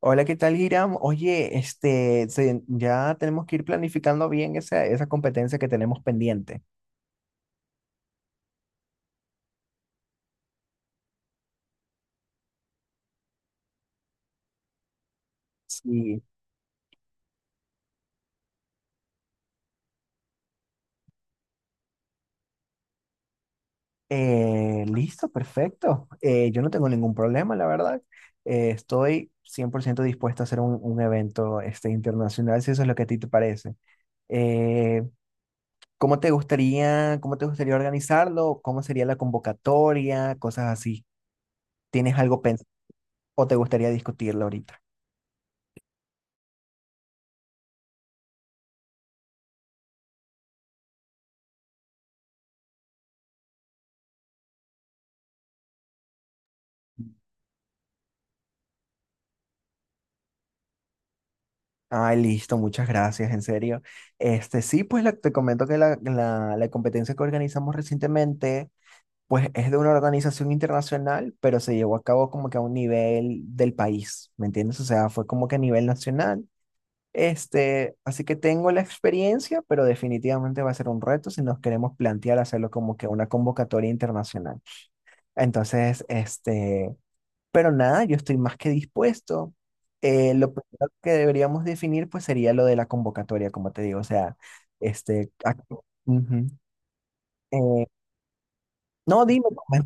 Hola, ¿qué tal, Hiram? Oye, ya tenemos que ir planificando bien esa competencia que tenemos pendiente. Sí. Listo, perfecto. Yo no tengo ningún problema, la verdad. Estoy 100% dispuesto a hacer un evento internacional, si eso es lo que a ti te parece. Eh, cómo te gustaría organizarlo? ¿Cómo sería la convocatoria? Cosas así. ¿Tienes algo pensado o te gustaría discutirlo ahorita? Ay, listo, muchas gracias, en serio. Sí, te comento que la competencia que organizamos recientemente pues es de una organización internacional, pero se llevó a cabo como que a un nivel del país, ¿me entiendes? O sea, fue como que a nivel nacional. Así que tengo la experiencia, pero definitivamente va a ser un reto si nos queremos plantear hacerlo como que una convocatoria internacional. Entonces, este... Pero nada, yo estoy más que dispuesto. Lo primero que deberíamos definir pues sería lo de la convocatoria, como te digo, o sea, este... ac- ujú. Eh, no, dime. Pues.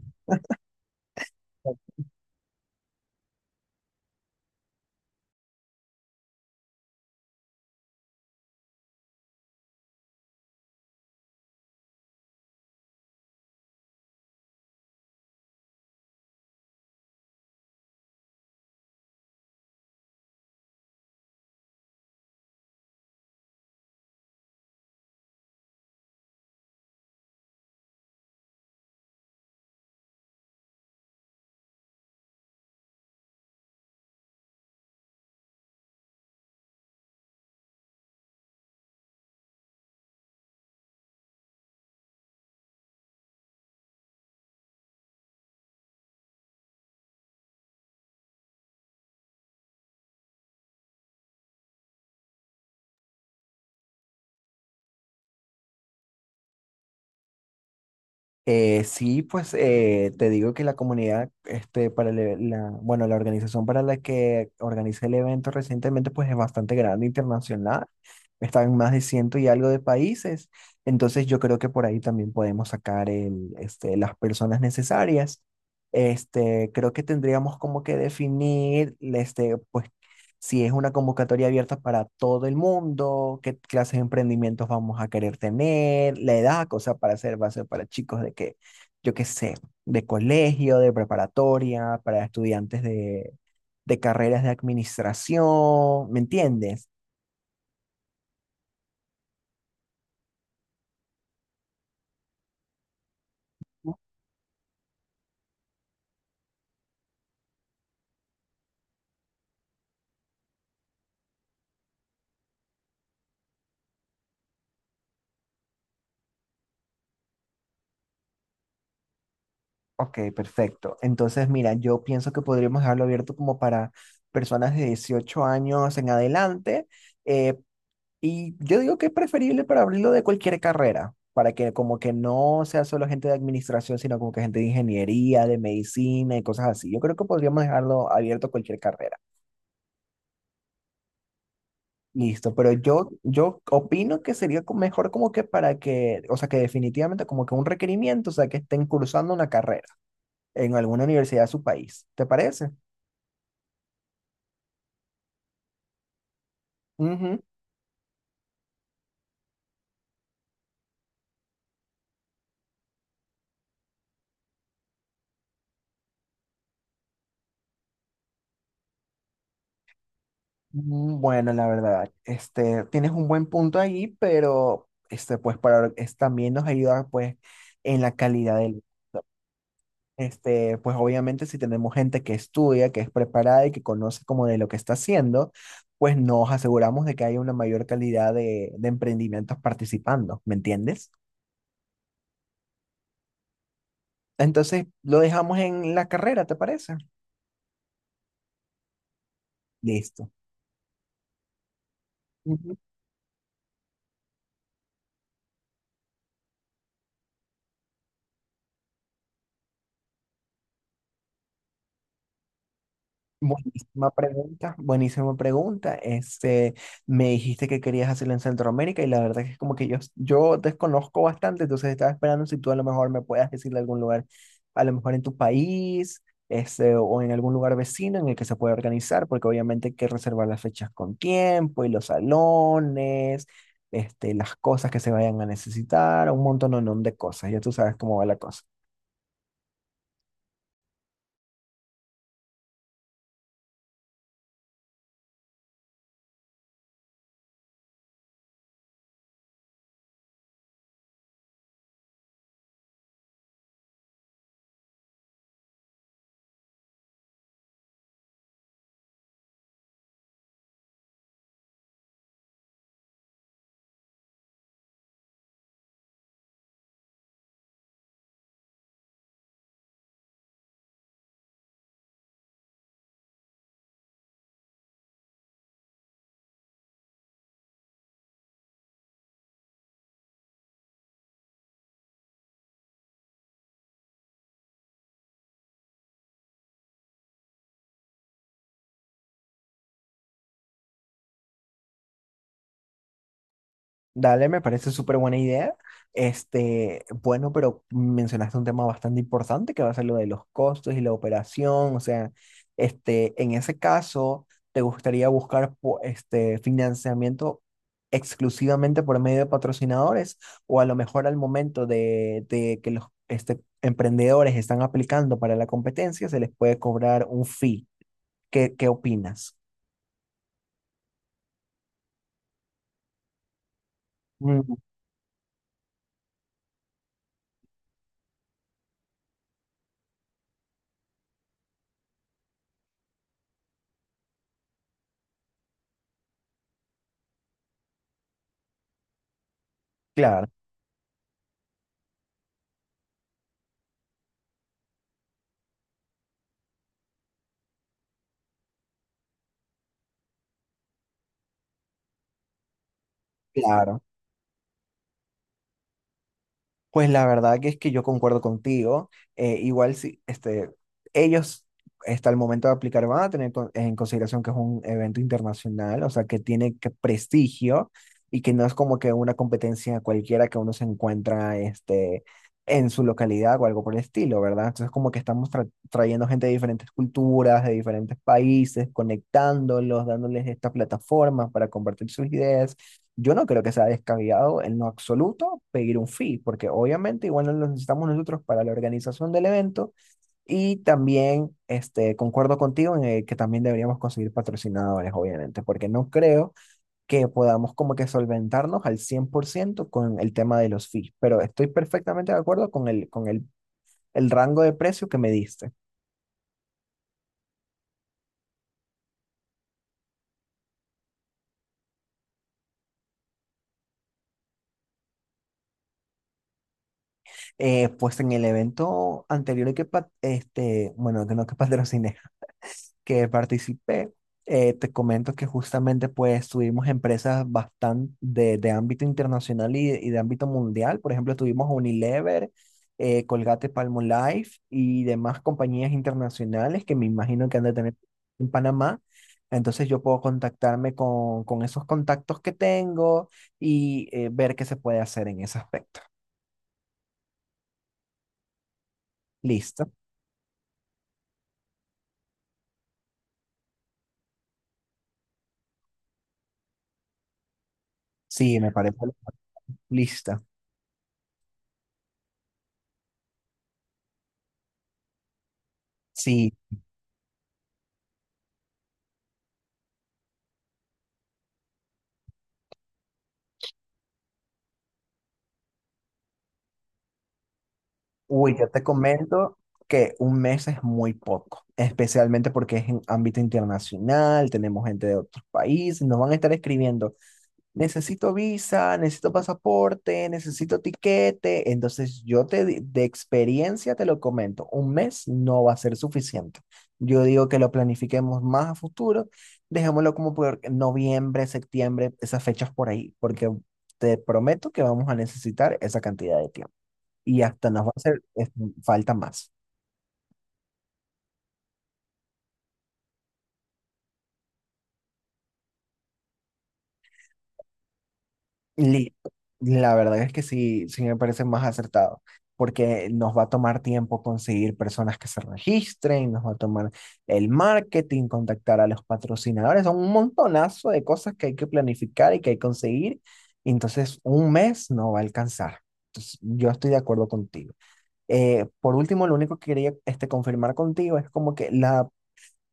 Sí, te digo que la comunidad, para bueno, la organización para la que organicé el evento recientemente, pues es bastante grande, internacional. Está en más de ciento y algo de países. Entonces yo creo que por ahí también podemos sacar las personas necesarias. Creo que tendríamos como que definir, pues si es una convocatoria abierta para todo el mundo, qué clases de emprendimientos vamos a querer tener, la edad, cosa para hacer, va a ser para chicos de que, yo qué sé, de colegio, de preparatoria, para estudiantes de carreras de administración, ¿me entiendes? Ok, perfecto. Entonces, mira, yo pienso que podríamos dejarlo abierto como para personas de 18 años en adelante, eh, y yo digo que es preferible para abrirlo de cualquier carrera, para que como que no sea solo gente de administración, sino como que gente de ingeniería, de medicina y cosas así. Yo creo que podríamos dejarlo abierto a cualquier carrera. Listo, pero yo opino que sería mejor como que para que, o sea, que definitivamente como que un requerimiento, o sea, que estén cursando una carrera en alguna universidad de su país. ¿Te parece? Ujú. Bueno, la verdad, tienes un buen punto ahí, pero también nos ayuda pues en la calidad del. Pues obviamente si tenemos gente que estudia, que es preparada y que conoce como de lo que está haciendo, pues nos aseguramos de que haya una mayor calidad de emprendimientos participando, ¿me entiendes? Entonces, lo dejamos en la carrera, ¿te parece? Listo. Buenísima pregunta, buenísima pregunta. Me dijiste que querías hacerlo en Centroamérica y la verdad que es como que yo desconozco bastante, entonces estaba esperando si tú a lo mejor me puedas decir de algún lugar, a lo mejor en tu país, o en algún lugar vecino en el que se pueda organizar, porque obviamente hay que reservar las fechas con tiempo y los salones, las cosas que se vayan a necesitar, un montón de cosas. Ya tú sabes cómo va la cosa. Dale, me parece súper buena idea. Bueno, pero mencionaste un tema bastante importante que va a ser lo de los costos y la operación. O sea, en ese caso, ¿te gustaría buscar financiamiento exclusivamente por medio de patrocinadores? O a lo mejor al momento de que los emprendedores están aplicando para la competencia, se les puede cobrar un fee. Qué opinas? Mm, claro, claro. Pues la verdad que es que yo concuerdo contigo. Igual si ellos hasta el momento de aplicar van a tener en consideración que es un evento internacional, o sea, que tiene que prestigio y que no es como que una competencia cualquiera que uno se encuentra en su localidad o algo por el estilo, ¿verdad? Entonces como que estamos trayendo gente de diferentes culturas, de diferentes países, conectándolos, dándoles estas plataformas para compartir sus ideas. Yo no creo que sea descabellado en lo absoluto pedir un fee, porque obviamente igual no lo necesitamos nosotros para la organización del evento y también concuerdo contigo en el que también deberíamos conseguir patrocinadores, obviamente, porque no creo que podamos como que solventarnos al 100% con el tema de los fees, pero estoy perfectamente de acuerdo con el rango de precio que me diste. Pues en el evento anterior bueno, que no que patrociné que participé, te comento que justamente pues tuvimos empresas bastante de ámbito internacional y de ámbito mundial. Por ejemplo, tuvimos Unilever, Colgate Palmolive y demás compañías internacionales que me imagino que han de tener en Panamá. Entonces yo puedo contactarme con esos contactos que tengo y ver qué se puede hacer en ese aspecto. ¿Listo? Sí, me parece. Lista. Sí, uy, yo te comento que un mes es muy poco, especialmente porque es en ámbito internacional, tenemos gente de otros países, nos van a estar escribiendo, necesito visa, necesito pasaporte, necesito tiquete, entonces de experiencia te lo comento, un mes no va a ser suficiente. Yo digo que lo planifiquemos más a futuro, dejémoslo como por noviembre, septiembre, esas fechas por ahí, porque te prometo que vamos a necesitar esa cantidad de tiempo y hasta nos va a hacer falta más. Listo. La verdad es que sí, sí me parece más acertado, porque nos va a tomar tiempo conseguir personas que se registren, nos va a tomar el marketing, contactar a los patrocinadores, son un montonazo de cosas que hay que planificar y que hay que conseguir. Entonces, un mes no va a alcanzar. Entonces, yo estoy de acuerdo contigo. Por último, lo único que quería confirmar contigo es como que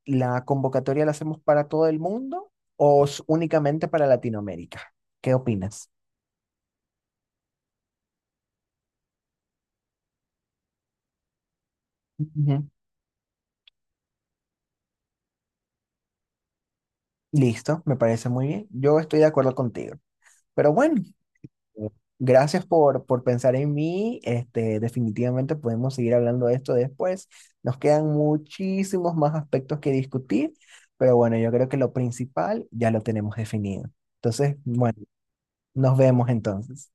¿la convocatoria la hacemos para todo el mundo o únicamente para Latinoamérica? ¿Qué opinas? Ujú. Listo, me parece muy bien. Yo estoy de acuerdo contigo. Pero bueno, eh, gracias por pensar en mí. Definitivamente podemos seguir hablando de esto después. Nos quedan muchísimos más aspectos que discutir, pero bueno, yo creo que lo principal ya lo tenemos definido. Entonces, bueno, nos vemos entonces.